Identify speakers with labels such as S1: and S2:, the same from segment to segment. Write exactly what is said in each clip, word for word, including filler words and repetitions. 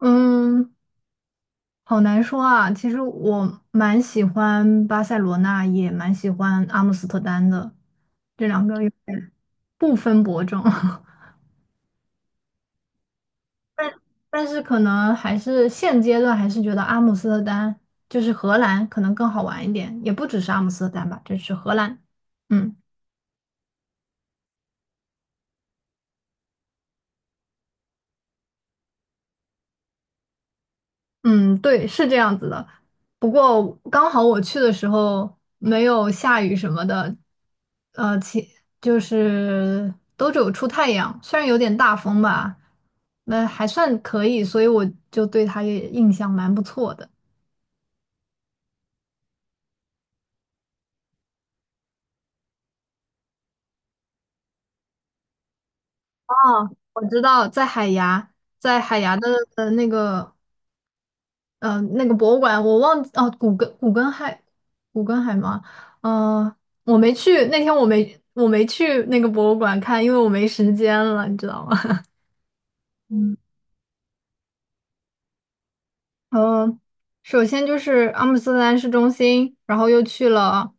S1: 嗯，好难说啊。其实我蛮喜欢巴塞罗那，也蛮喜欢阿姆斯特丹的，这两个有点不分伯仲。但但是可能还是现阶段还是觉得阿姆斯特丹就是荷兰可能更好玩一点，也不只是阿姆斯特丹吧，就是荷兰。嗯。嗯，对，是这样子的。不过刚好我去的时候没有下雨什么的，呃，其就是都只有出太阳，虽然有点大风吧，那还算可以，所以我就对它也印象蛮不错的。哦，我知道在海牙，在海牙的呃那个嗯，那个博物馆我忘记哦，古根古根海古根海吗？嗯，我没去，那天我没我没去那个博物馆看，因为我没时间了，你知道吗？嗯，呃，首先就是阿姆斯特丹市中心，然后又去了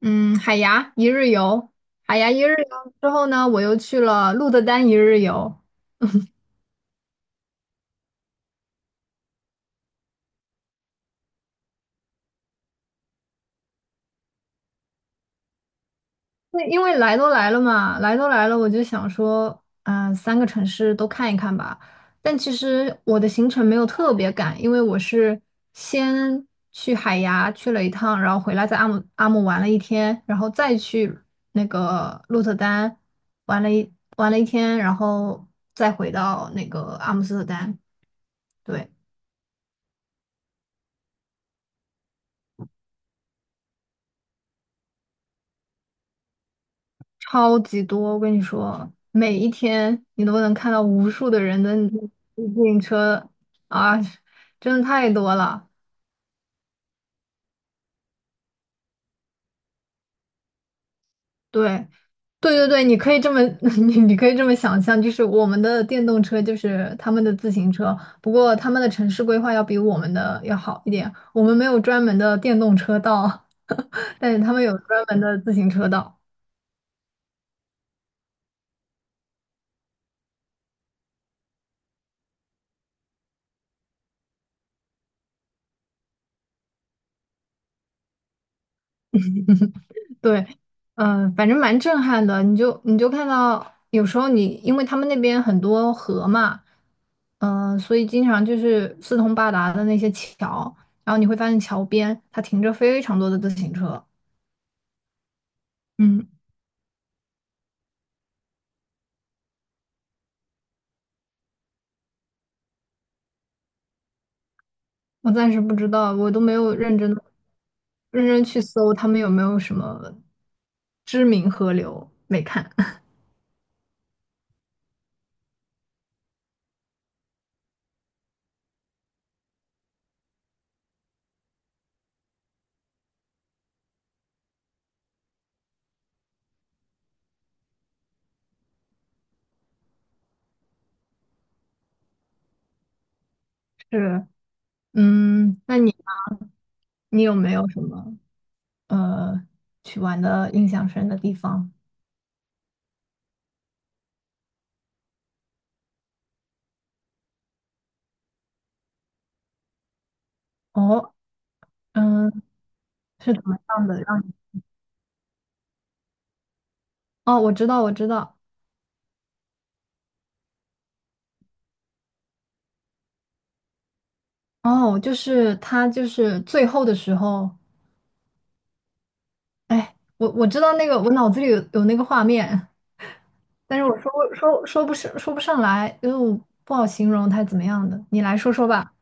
S1: 嗯海牙一日游，海牙一日游之后呢，我又去了鹿特丹一日游，那因为来都来了嘛，来都来了，我就想说，嗯、三个城市都看一看吧。但其实我的行程没有特别赶，因为我是先去海牙去了一趟，然后回来在阿姆阿姆玩了一天，然后再去那个鹿特丹玩了一玩了一天，然后再回到那个阿姆斯特丹。对。超级多，我跟你说，每一天你都能看到无数的人的自行车啊，真的太多了。对，对对对，你可以这么，你你可以这么想象，就是我们的电动车就是他们的自行车，不过他们的城市规划要比我们的要好一点，我们没有专门的电动车道，但是他们有专门的自行车道。对，嗯、反正蛮震撼的。你就你就看到，有时候你因为他们那边很多河嘛，嗯、所以经常就是四通八达的那些桥，然后你会发现桥边它停着非常多的自行车。嗯，我暂时不知道，我都没有认真认真去搜他们有没有什么知名河流，没看。是，嗯，那你你有没有什么呃去玩的印象深的地方？哦。嗯。是怎么样的？让你哦，我知道，我知道。哦，就是他，就是最后的时候，哎，我我知道那个，我脑子里有有那个画面，但是我说不说说不上说不上来，因为我不好形容他怎么样的。你来说说吧。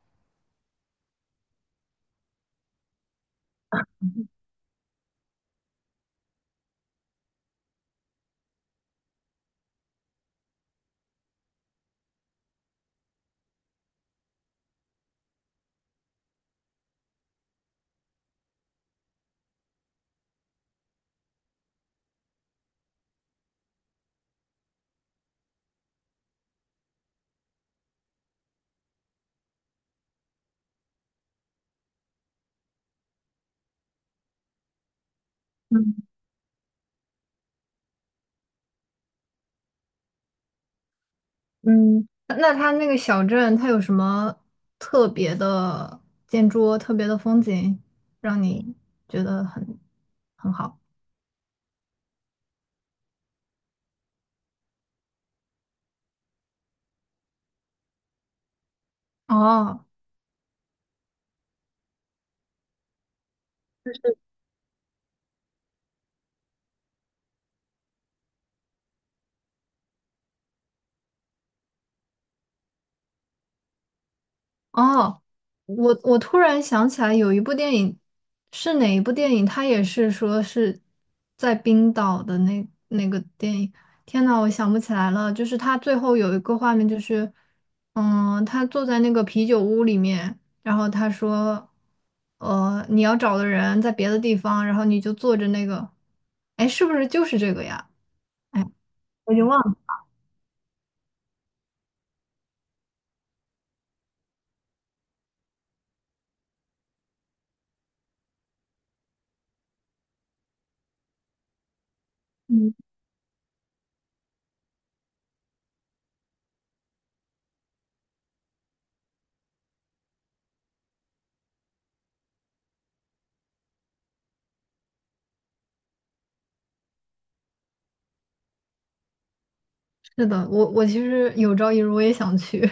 S1: 嗯嗯，那那他那个小镇，它有什么特别的建筑、特别的风景，让你觉得很很好？哦，哦，我我突然想起来有一部电影，是哪一部电影？它也是说是在冰岛的那那个电影。天呐，我想不起来了。就是他最后有一个画面，就是嗯，他坐在那个啤酒屋里面，然后他说，呃，你要找的人在别的地方，然后你就坐着那个，哎，是不是就是这个呀？哎，我已经忘了。嗯，是的，我我其实有朝一日我也想去。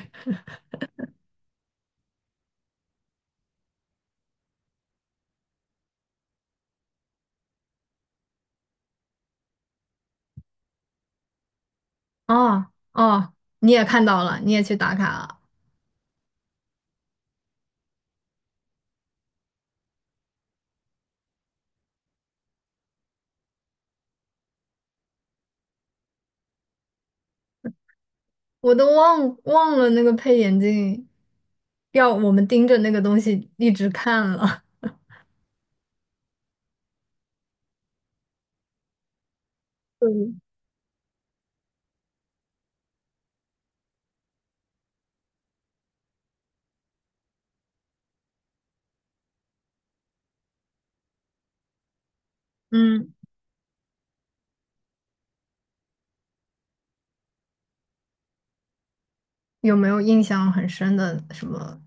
S1: 哦哦，你也看到了，你也去打卡了，我都忘忘了那个配眼镜，要我们盯着那个东西一直看了。嗯嗯，有没有印象很深的什么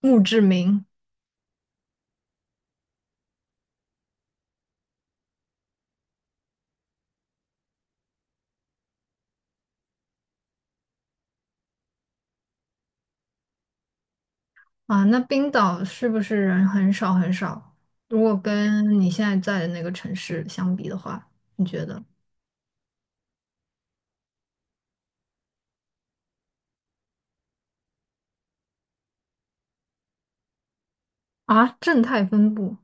S1: 墓志铭啊？那冰岛是不是人很少很少？如果跟你现在在的那个城市相比的话，你觉得啊，正态分布，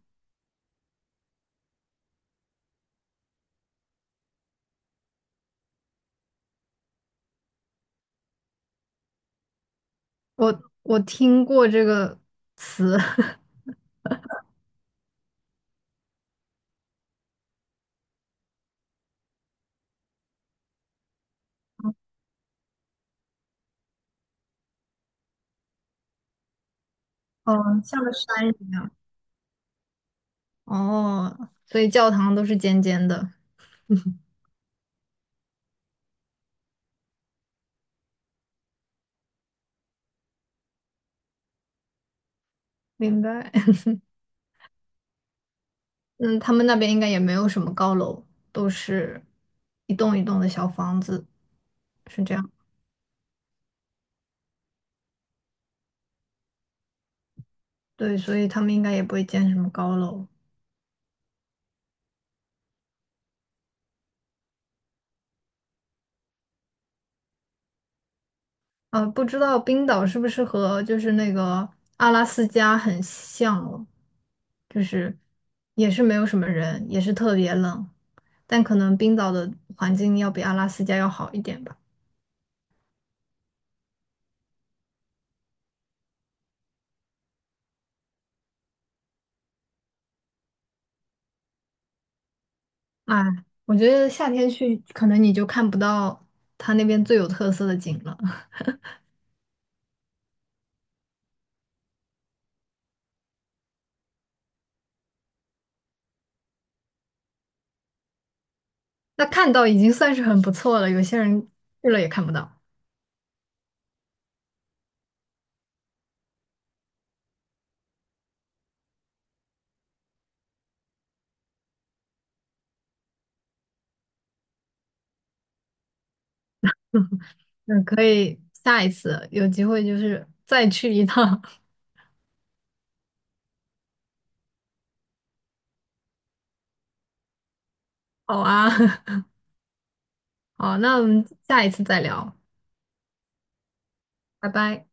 S1: 我我听过这个词，嗯，像个山一样。哦，所以教堂都是尖尖的，明白。嗯，他们那边应该也没有什么高楼，都是一栋一栋的小房子，是这样。对，所以他们应该也不会建什么高楼。呃，不知道冰岛是不是和就是那个阿拉斯加很像哦，就是也是没有什么人，也是特别冷，但可能冰岛的环境要比阿拉斯加要好一点吧。啊，我觉得夏天去，可能你就看不到它那边最有特色的景了。那看到已经算是很不错了，有些人去了也看不到。嗯，可以下一次有机会就是再去一趟。好啊，好，那我们下一次再聊，拜拜。